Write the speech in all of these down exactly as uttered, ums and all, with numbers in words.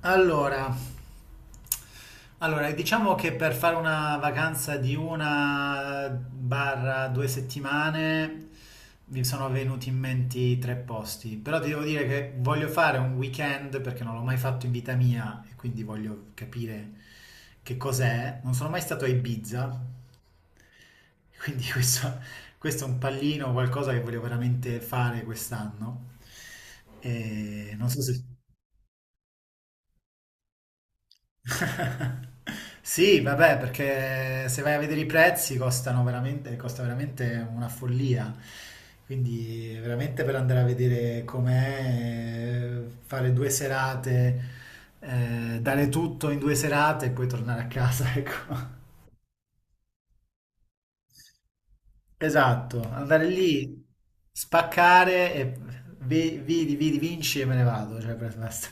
Allora, allora, diciamo che per fare una vacanza di una barra due settimane mi sono venuti in mente tre posti, però ti devo dire che voglio fare un weekend perché non l'ho mai fatto in vita mia e quindi voglio capire che cos'è. Non sono mai stato a Ibiza, quindi questo, questo è un pallino, qualcosa che voglio veramente fare quest'anno. E non so se... Sì, vabbè, perché se vai a vedere i prezzi costano veramente, costa veramente una follia. Quindi veramente per andare a vedere com'è, eh, fare due serate, eh, dare tutto in due serate e poi tornare a casa, ecco. Esatto, andare lì, spaccare e vi- vidi, vidi, vinci e me ne vado. Cioè, per- basta.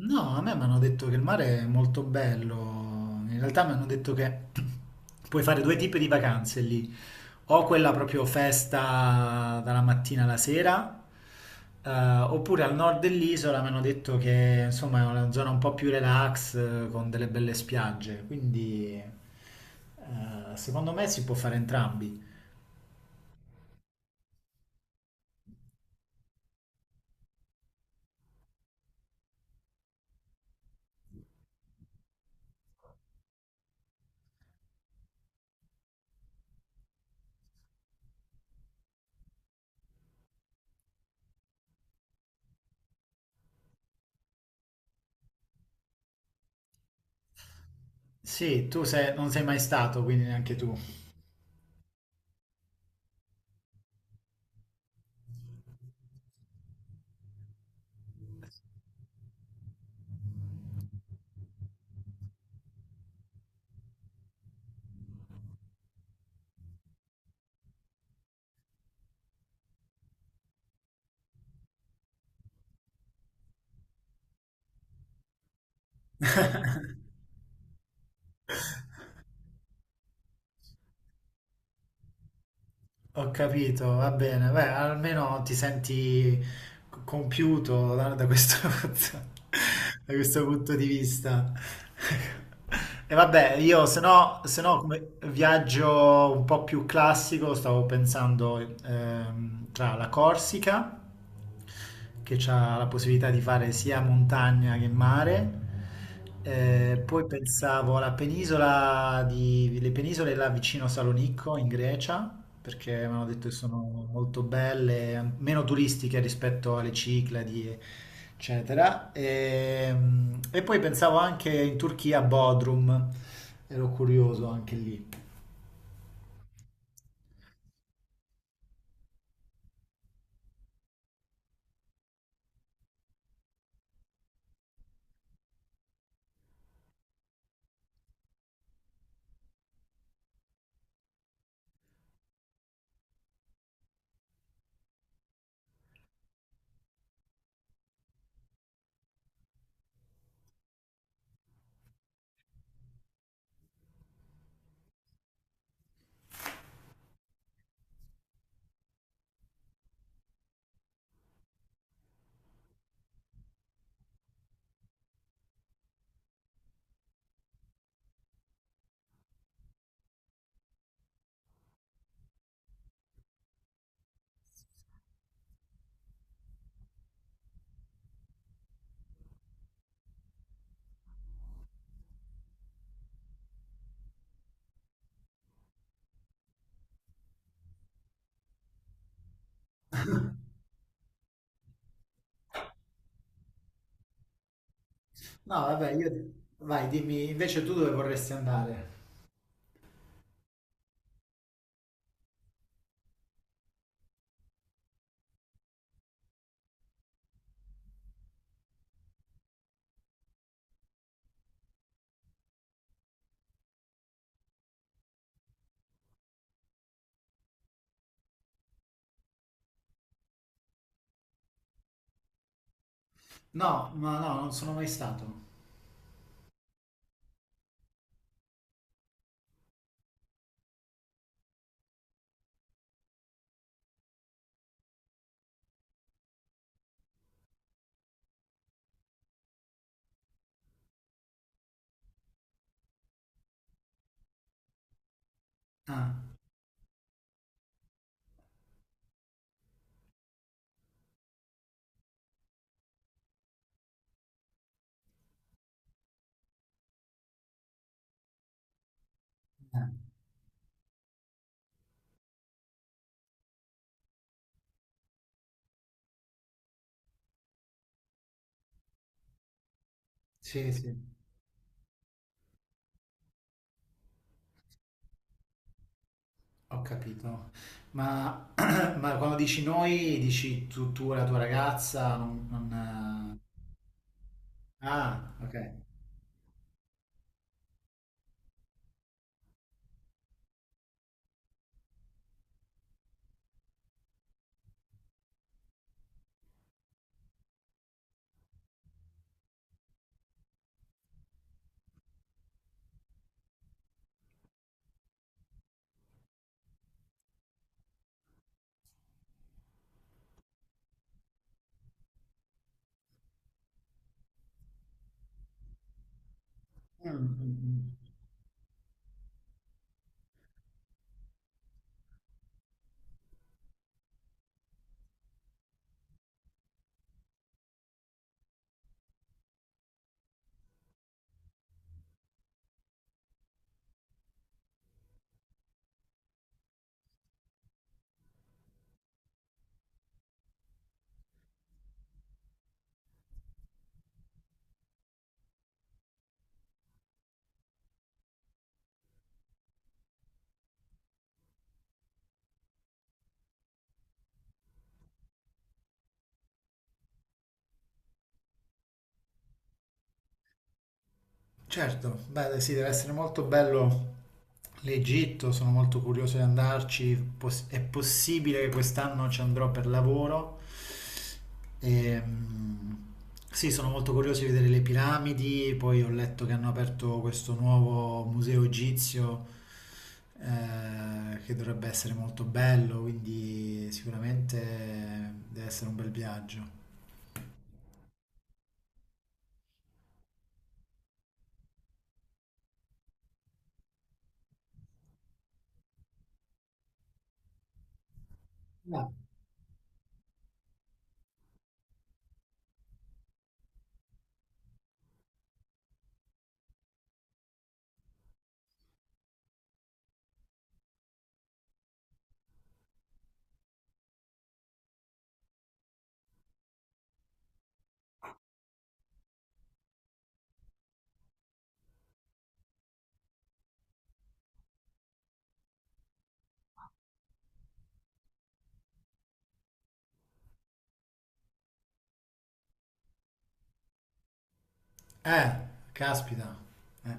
No, a me mi hanno detto che il mare è molto bello. In realtà mi hanno detto che puoi fare due tipi di vacanze lì. O quella proprio festa dalla mattina alla sera, eh, oppure al nord dell'isola mi hanno detto che insomma è una zona un po' più relax, eh, con delle belle spiagge. Quindi eh, secondo me si può fare entrambi. Sì, tu sei- non sei mai stato, quindi neanche tu. Ho capito, va bene. Beh, almeno ti senti c- compiuto da, da questo, da questo punto di vista. E vabbè, io se no, se no come viaggio un po' più classico, stavo pensando ehm, tra la Corsica che c'ha la possibilità di fare sia montagna che mare. Eh, poi pensavo alla penisola di, le penisole là vicino a Salonicco in Grecia, perché mi hanno detto che sono molto belle, an- meno turistiche rispetto alle Cicladi, eccetera. Ehm, E, poi pensavo anche in Turchia a Bodrum, ero curioso anche lì. No, vabbè, io... Vai, dimmi, invece tu dove vorresti andare? No, no, no, non sono mai stato. Ah, ah, sì, sì, ho capito. Ma, ma quando dici noi, dici tu, tu e la tua ragazza, non, non, eh, Ah, ok. Mm, mm, mm. Certo, beh, sì, deve essere molto bello l'Egitto, sono molto curioso di andarci. Poss- è possibile che quest'anno ci andrò per lavoro. Ehm, sì, sono molto curioso di vedere le piramidi, poi ho letto che hanno aperto questo nuovo museo egizio eh, che dovrebbe essere molto bello, quindi sicuramente deve essere un bel viaggio. No. Eh, caspita. Eh.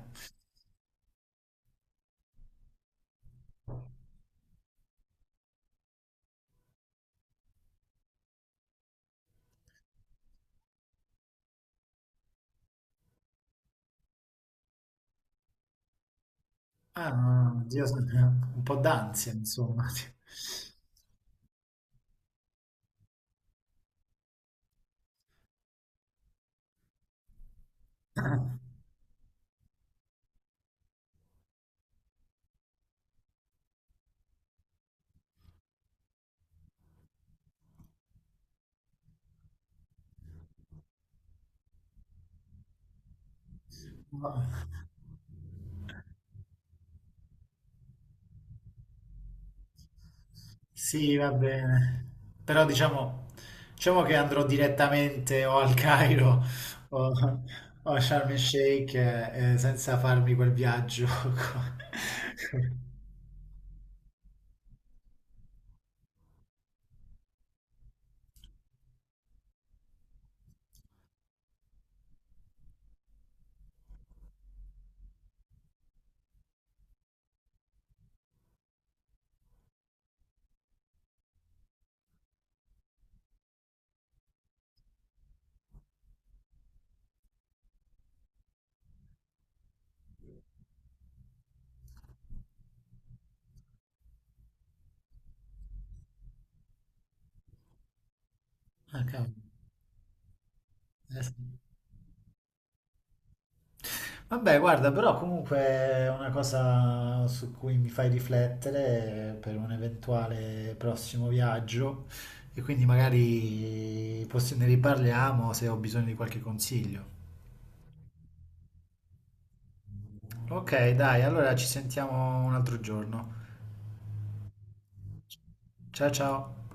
Ah, no, no, no, Dio, sempre un po' d'ansia, insomma. No. Sì, va bene. Però diciamo, diciamo che andrò direttamente o al Cairo o, o a Sharm el Sheikh eh, senza farmi quel viaggio. Ah, cavolo. Eh, sì. Vabbè, guarda, però comunque è una cosa su cui mi fai riflettere per un eventuale prossimo viaggio e quindi magari possi- ne riparliamo se ho bisogno di qualche consiglio. Ok, dai, allora ci sentiamo un altro giorno. Ciao ciao.